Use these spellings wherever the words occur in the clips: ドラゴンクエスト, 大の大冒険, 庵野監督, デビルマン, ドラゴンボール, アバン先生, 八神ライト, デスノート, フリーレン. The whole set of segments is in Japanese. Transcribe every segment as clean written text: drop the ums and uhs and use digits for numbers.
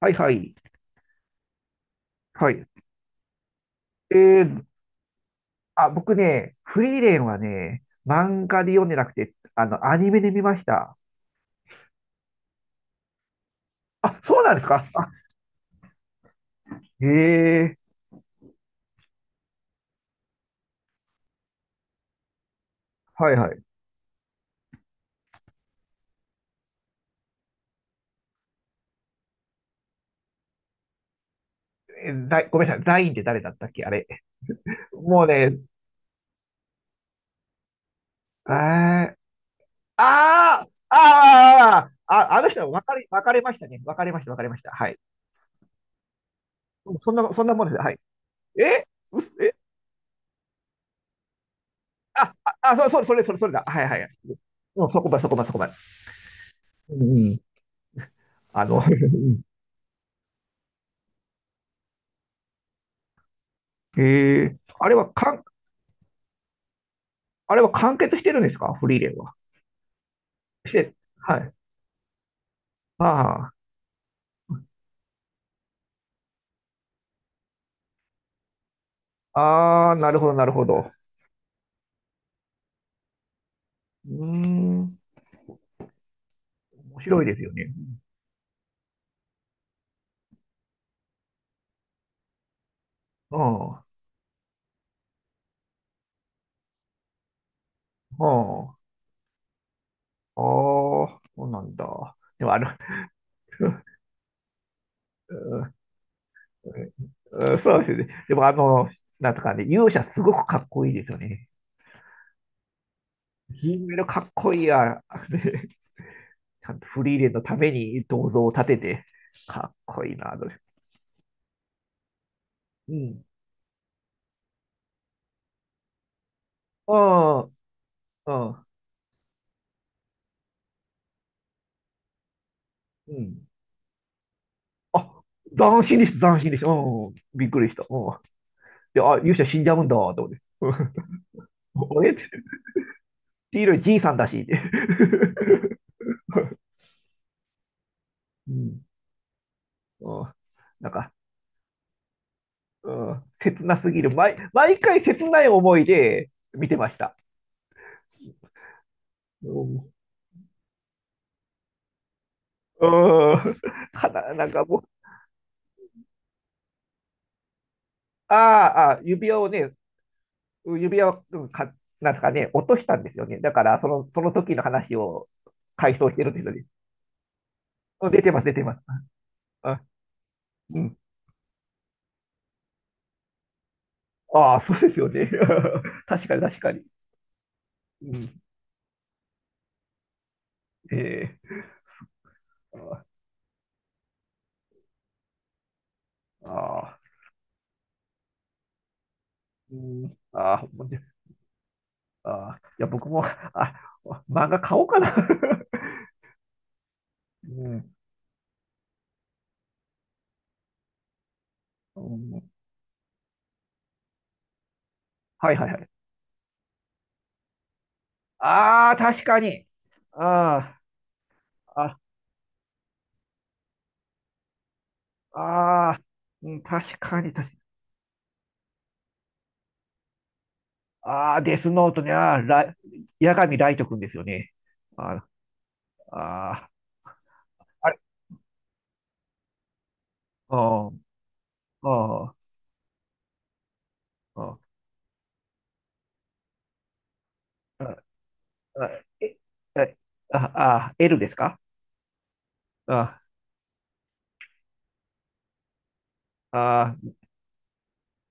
はいはい。はい。えー、あ、僕ね、フリーレンはね、漫画で読んでなくて、アニメで見ました。あ、そうなんですかあ。へえ。はいはい。ザイごめんなさい、ザインって誰だったっけあれ。もうね。えー。あー、あー、あ、あの人は分かれましたね。分かれました、分かれました。はい。うん、そんなもんです。はい。え、うす、え、あ、あ、あ、そう、そう、それだ。はいはい。うん、そこまで。うん、うん。あの、うん。えー、あれは韓あれは完結してるんですか、フリーレンは。して、はい。ああ、ああ、なるほど、なるほど。うーん、面白いですよね。うん、うん。ああ、そうなんだ。でも、あの、うん。うん、そうですね。でも、あの、なんとかね、勇者すごくかっこいいですよね。銀メダルかっこいいや。ちゃんとフリーレンのために銅像を建てて、かっこいいな、と。うん。ああ、うん。うん。あ、斬新でした、斬新でした。うん、びっくりした。うん。で、あ、勇者死んじゃうんだ、と思って。うん。あれって、黄色じいさんだし、って。うん、うん。なんか、うん、切なすぎる。毎回切ない思いで見てました。うん。うん。かな、なんかもう、ああ、指輪をね、指輪を、うんか、なんですかね、落としたんですよね。だから、その時の話を回想してるんですよね。うん、出てます、出てます。あ、うん。ああ、そうですよね。確かに、確かに。うん。えーああ、うん。ああ、もうじゃあ、いや、僕も、あ、漫画買おうかな。うん。うん。はいはいはい。ああ、確かに。ああ、あ、ああ、うん、確かに、確かに。ああ、デスノートに、ああ、八神ライト君ですよね。ああ、ああ、あれ、うん、うん、うん、ああ、え、え、ああ、L ですか？ああ、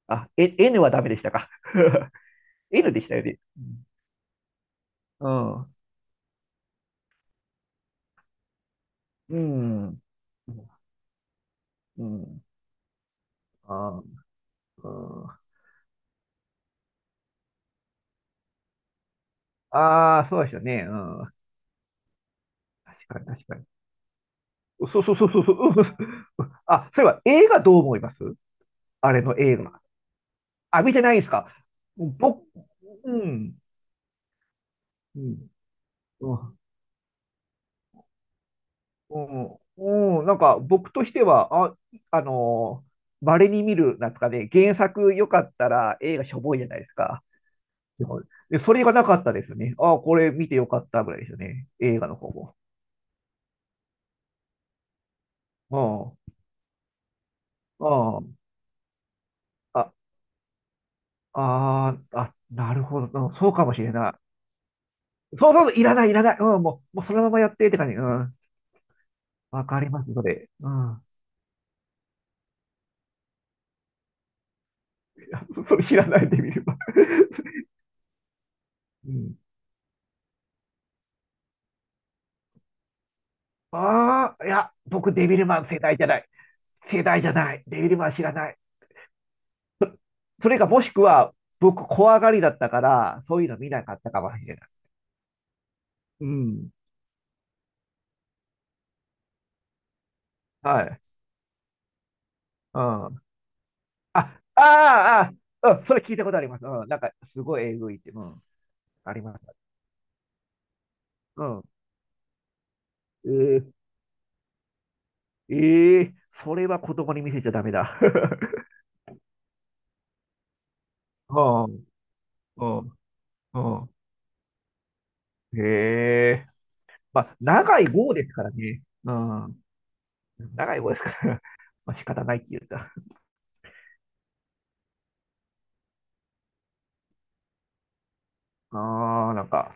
あ、あ、え、 N はダメでしたか？N でしたよね。うん。うん。うん、うん。あー、うん。あー、そうですよね。うん。確かに、確かに。そうそうそうそうそう。うん、あ、そういえば、映画どう思います？あれの映画。あ、見てないですか？僕、うん、うん、うん、うん、うん、なんか僕としては、あ、あの稀に見る、なんですかね、原作よかったら映画しょぼいじゃないですか。で、それがなかったですね。ああ、これ見てよかったぐらいですよね。映画の方も。うん。あああ、ああ、なるほど。うん、そうかもしれない。そうそうそう、いらない、いらない。うん、もう、もうそのままやってって感じ。うん。わかります、それ。うん。それ知らないで見れば。うん。ああ、いや、僕、デビルマン世代じゃない。世代じゃない。デビルマン知らない。それか、もしくは、僕、怖がりだったから、そういうの見なかったかもしれない。うん。はい。うん。あ、ああ、ああ、うん、それ聞いたことあります。うん、なんか、すごいえぐいって。うん、あります。うん。えー。えー、それは子供に見せちゃダメだ。うん、うん、うん。へえ。まあ、長い棒ですからね。うん。長い棒ですから。まあ、仕方ないって言った。ああ、なんか、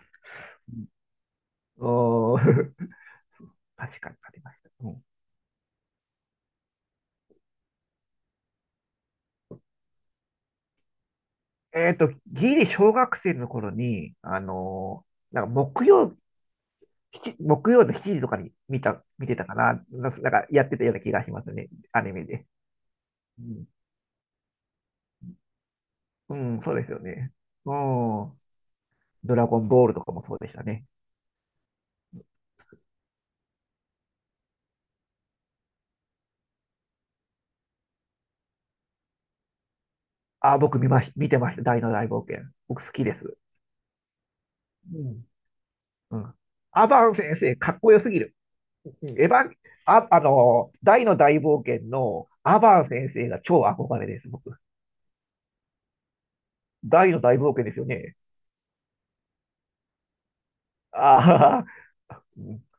おー。 確かにありました。うん。えっと、ギリ小学生の頃に、あのーなんか木曜の7時とかに見た、見てたかな。なんかやってたような気がしますね。アニメで。うん、うん、そうですよね。うん。ドラゴンボールとかもそうでしたね。あ、僕見まし、見てました。大の大冒険。僕好きです。うん。うん。アバン先生、かっこよすぎる。うん、エヴァン、大の大冒険のアバン先生が超憧れです、僕。大の大冒険ですよね。あ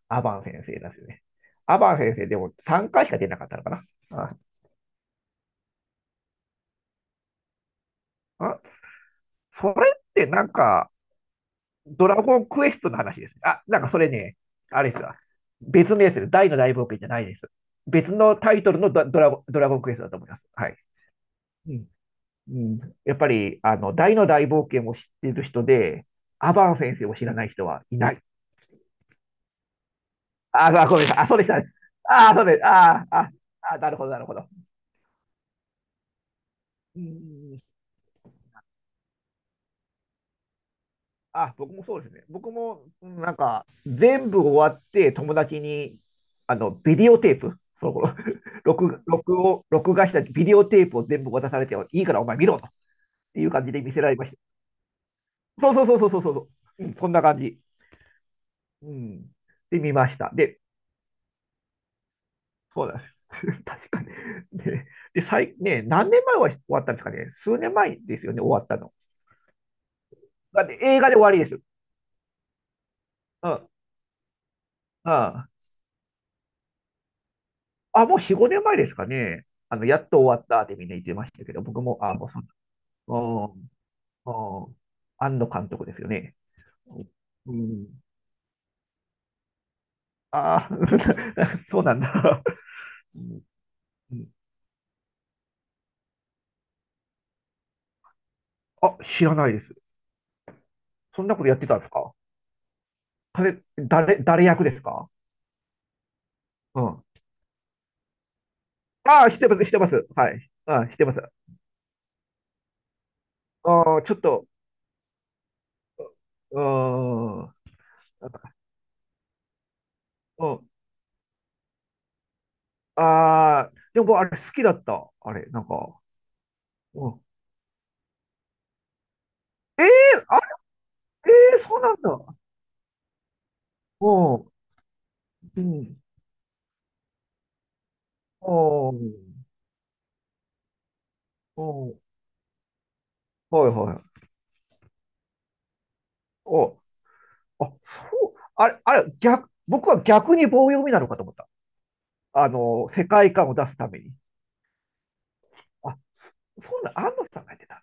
あ、アバン先生ですね。アバン先生でも3回しか出なかったのかな。あ、あ、それってなんか、ドラゴンクエストの話ですね。あ、なんかそれね、あれですわ。別名ですよ。大の大冒険じゃないです。別のタイトルのドラゴンクエストだと思います。はい。うん。うん、やっぱり、あの、大の大冒険を知っている人で、アバン先生を知らない人はいない。あ、あ、ごめんなさい。あ、そうでしたね。あ、そうです。あ、あ、あ、なるほど、なるほど。うん、あ、僕もそうですね。僕も、うん、なんか、全部終わって、友達に、あの、ビデオテープ、その頃、録画したビデオテープを全部渡されて、いいからお前見ろと、っていう感じで見せられました。そうそうそうそうそうそう、うん、そんな感じ。うん。で、見ました。で、そうなんですよ。確かに。で、で、最、ね、何年前は終わったんですかね。数年前ですよね、終わったの。だって映画で終わりです。うん、うん。あ、もう4、5年前ですかね。あの、やっと終わったってみんな言ってましたけど、僕も、あ、もうその、うん、うん、庵野監督ですよね。うん。ああー、そうなんだ。うん、うん、あ、知らないです。そんなことやってたんですか？彼、誰、誰役ですか？うん。ああ、知ってます、知ってます。はい。ああ、知ってます。ああ、ちょっと、うーん。なんか、うん。ああ、でもあれ好きだった。あれ、なんか。うん。ええ、あれ、ええ、そうなんだ。うん。うん。あー、う、はいはい。お、あ、そう、あれ、あれ、逆、僕は逆に棒読みなのかと思った。あの、世界観を出すために。あ、そんな、安野さんがやってた。